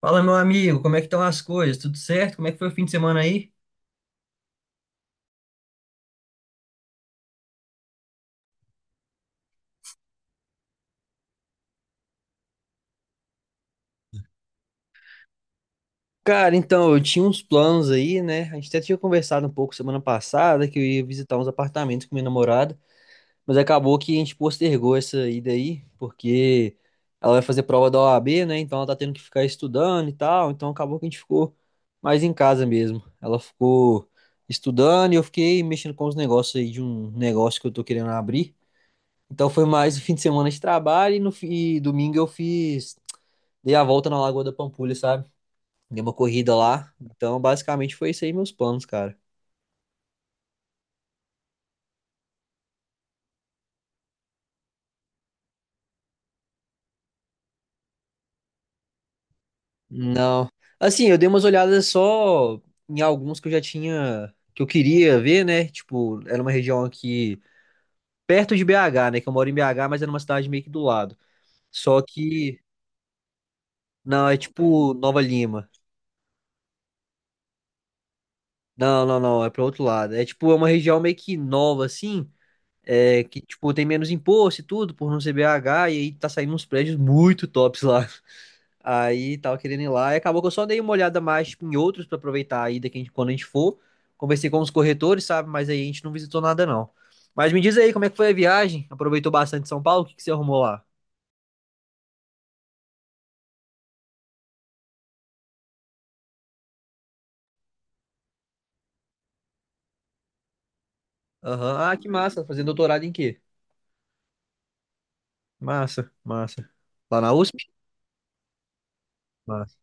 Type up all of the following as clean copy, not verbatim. Fala, meu amigo, como é que estão as coisas? Tudo certo? Como é que foi o fim de semana aí? Cara, então, eu tinha uns planos aí, né? A gente até tinha conversado um pouco semana passada que eu ia visitar uns apartamentos com minha namorada, mas acabou que a gente postergou essa ida aí, porque ela vai fazer prova da OAB, né? Então ela tá tendo que ficar estudando e tal, então acabou que a gente ficou mais em casa mesmo. Ela ficou estudando e eu fiquei mexendo com os negócios aí de um negócio que eu tô querendo abrir. Então foi mais o fim de semana de trabalho e, no, fi- e domingo eu fiz. Dei a volta na Lagoa da Pampulha, sabe? Dei uma corrida lá. Então, basicamente foi isso aí meus planos, cara. Não. Assim, eu dei umas olhadas só em alguns que eu já tinha, que eu queria ver, né? Tipo, era uma região aqui perto de BH, né? Que eu moro em BH, mas era uma cidade meio que do lado. Só que, não, é tipo Nova Lima. Não, não, não, é para outro lado. É tipo, é uma região meio que nova, assim, é, que, tipo, tem menos imposto e tudo, por não ser BH, e aí tá saindo uns prédios muito tops lá. Aí tava querendo ir lá, e acabou que eu só dei uma olhada mais, tipo, em outros pra aproveitar a ida que a gente- quando a gente for. Conversei com os corretores, sabe? Mas aí a gente não visitou nada, não. Mas me diz aí, como é que foi a viagem? Aproveitou bastante São Paulo? O que que você arrumou lá? Aham. Ah, que massa. Fazendo doutorado em quê? Massa, massa. Lá na USP? Massa.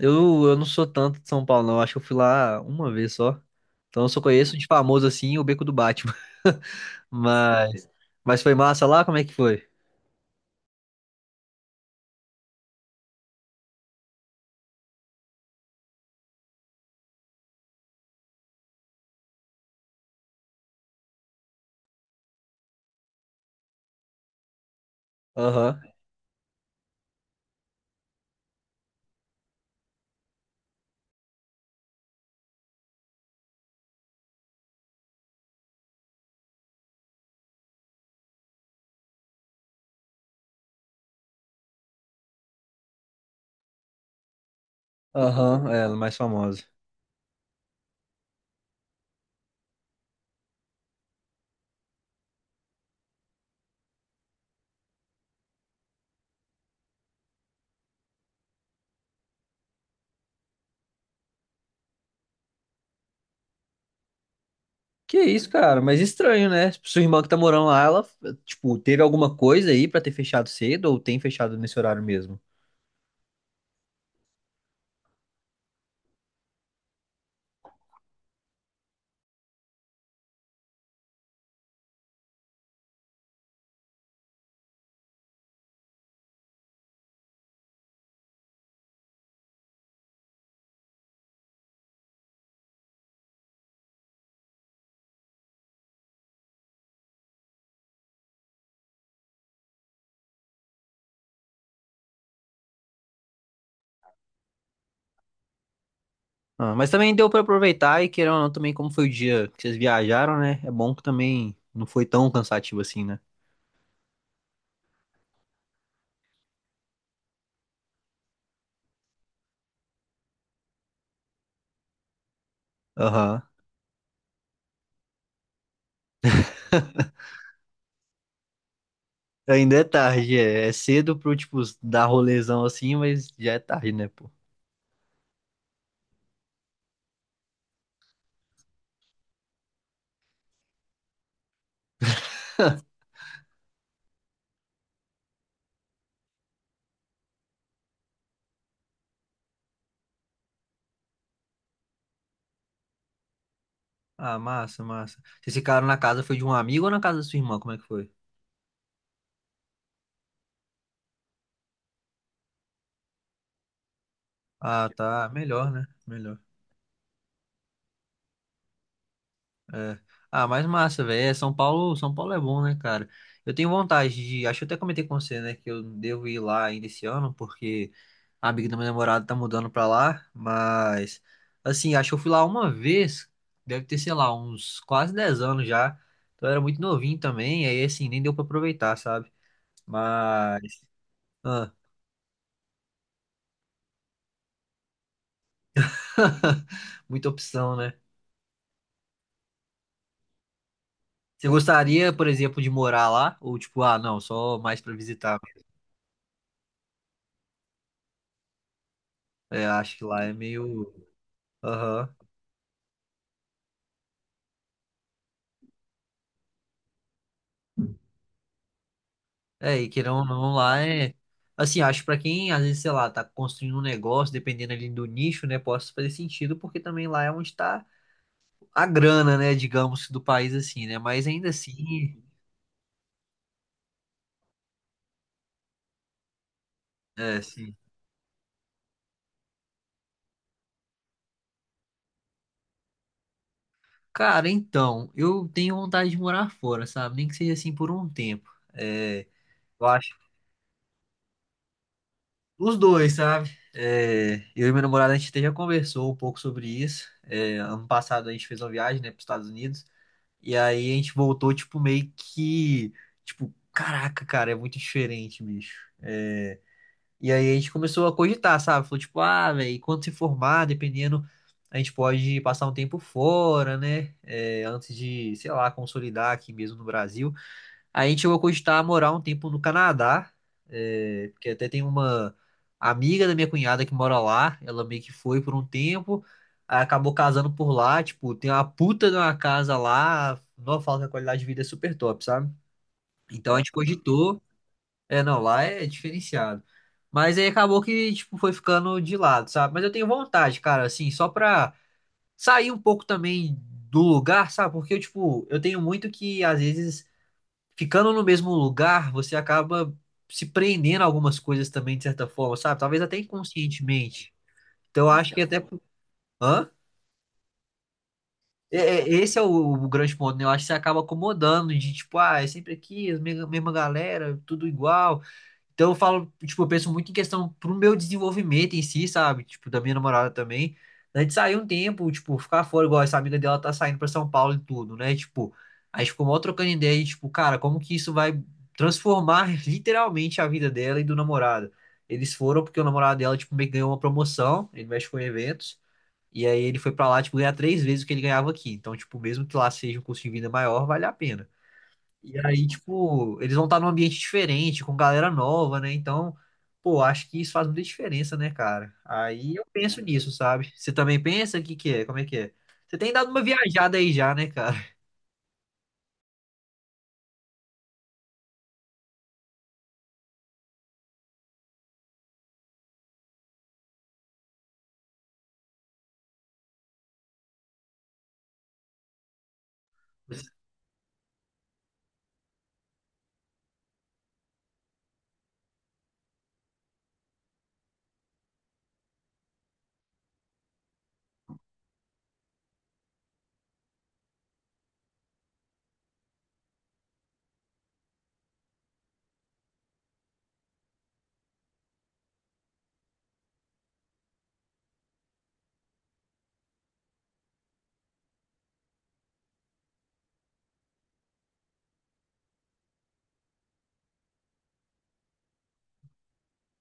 Eu não sou tanto de São Paulo, não. Acho que eu fui lá uma vez só. Então eu só conheço de famoso assim o Beco do Batman. Mas, mas foi massa lá? Como é que foi? Aham, aham, é, ela é mais famosa. Que isso, cara, mas estranho, né? Sua irmã que tá morando lá, ela, tipo, teve alguma coisa aí pra ter fechado cedo ou tem fechado nesse horário mesmo? Ah, mas também deu pra aproveitar e querendo ou não, também como foi o dia que vocês viajaram, né? É bom que também não foi tão cansativo assim, né? Aham. Ainda é tarde, é. É cedo pro, tipo, dar rolezão assim, mas já é tarde, né, pô? Ah, massa, massa. Vocês ficaram na casa, foi de um amigo ou na casa da sua irmã? Como é que foi? Ah, tá. Melhor, né? Melhor. É. Ah, mas massa, velho. É, São Paulo, São Paulo é bom, né, cara? Eu tenho vontade de. Acho que eu até comentei com você, né, que eu devo ir lá ainda esse ano, porque a amiga do meu namorado tá mudando pra lá. Mas, assim, acho que eu fui lá uma vez, deve ter, sei lá, uns quase 10 anos já. Então eu era muito novinho também, aí, assim, nem deu pra aproveitar, sabe? Mas. Ah, muita opção, né? Você gostaria, por exemplo, de morar lá? Ou tipo, ah, não, só mais pra visitar? É, acho que lá é meio. Aham. É, e querendo ou não, lá é. Assim, acho que pra quem, às vezes, sei lá, tá construindo um negócio, dependendo ali do nicho, né, possa fazer sentido, porque também lá é onde tá a grana, né, digamos, do país, assim, né? Mas ainda assim. É, sim. Cara, então, eu tenho vontade de morar fora, sabe? Nem que seja assim por um tempo. É, eu acho. Os dois, sabe? É, eu e minha namorada, a gente até já conversou um pouco sobre isso. É, ano passado a gente fez uma viagem, né, para os Estados Unidos. E aí a gente voltou, tipo, meio que. Tipo, caraca, cara, é muito diferente, bicho. É, e aí a gente começou a cogitar, sabe? Falou, tipo, ah, velho, quando se formar, dependendo, a gente pode passar um tempo fora, né? É, antes de, sei lá, consolidar aqui mesmo no Brasil. A gente chegou a cogitar morar um tempo no Canadá, é, porque até tem uma amiga da minha cunhada que mora lá, ela meio que foi por um tempo, aí acabou casando por lá, tipo, tem uma puta de uma casa lá, não fala que a qualidade de vida é super top, sabe? Então a gente cogitou, é, não, lá é diferenciado. Mas aí acabou que, tipo, foi ficando de lado, sabe? Mas eu tenho vontade, cara, assim, só pra sair um pouco também do lugar, sabe? Porque eu, tipo, eu tenho muito que, às vezes ficando no mesmo lugar, você acaba se prendendo a algumas coisas também, de certa forma, sabe? Talvez até inconscientemente. Então, eu acho que então, até. Hã? Esse é o grande ponto, né? Eu acho que você acaba acomodando de tipo, ah, é sempre aqui, a mesma galera, tudo igual. Então eu falo, tipo, eu penso muito em questão pro meu desenvolvimento em si, sabe? Tipo, da minha namorada também. A gente saiu um tempo, tipo, ficar fora, igual essa amiga dela tá saindo pra São Paulo e tudo, né? Tipo, a gente ficou mal trocando ideia e, tipo, cara, como que isso vai transformar literalmente a vida dela e do namorado? Eles foram porque o namorado dela, tipo, meio que ganhou uma promoção, ele mexe com eventos, e aí ele foi pra lá, tipo, ganhar 3 vezes o que ele ganhava aqui. Então, tipo, mesmo que lá seja um custo de vida maior, vale a pena. E aí, tipo, eles vão estar num ambiente diferente, com galera nova, né? Então, pô, acho que isso faz muita diferença, né, cara? Aí eu penso nisso, sabe? Você também pensa? O que que é? Como é que é? Você tem dado uma viajada aí já, né, cara?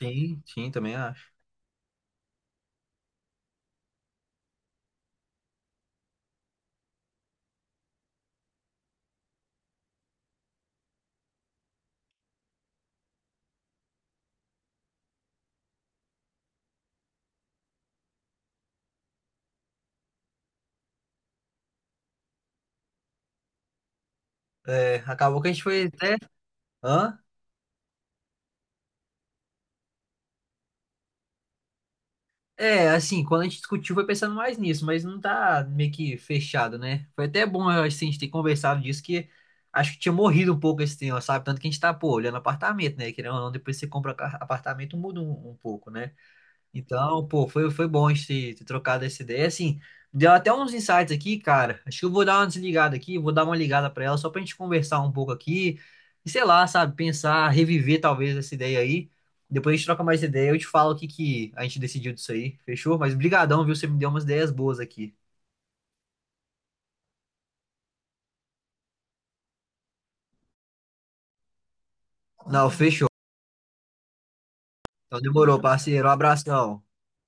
Sim, sim, também acho. É, acabou que a gente foi até. Hã? É, assim, quando a gente discutiu foi pensando mais nisso, mas não tá meio que fechado, né? Foi até bom eu acho, assim, a gente ter conversado disso, que acho que tinha morrido um pouco esse tema, sabe? Tanto que a gente tá, pô, olhando apartamento, né? Querendo ou não, depois você compra ca- apartamento, muda um, um pouco, né? Então, pô, foi bom a gente ter trocado essa ideia. Assim, deu até uns insights aqui, cara. Acho que eu vou dar uma desligada aqui, vou dar uma ligada pra ela só pra gente conversar um pouco aqui. E sei lá, sabe, pensar, reviver talvez essa ideia aí. Depois a gente troca mais ideia, eu te falo o que que a gente decidiu disso aí, fechou? Mas brigadão, viu? Você me deu umas ideias boas aqui. Não, fechou. Então demorou, parceiro. Um abração.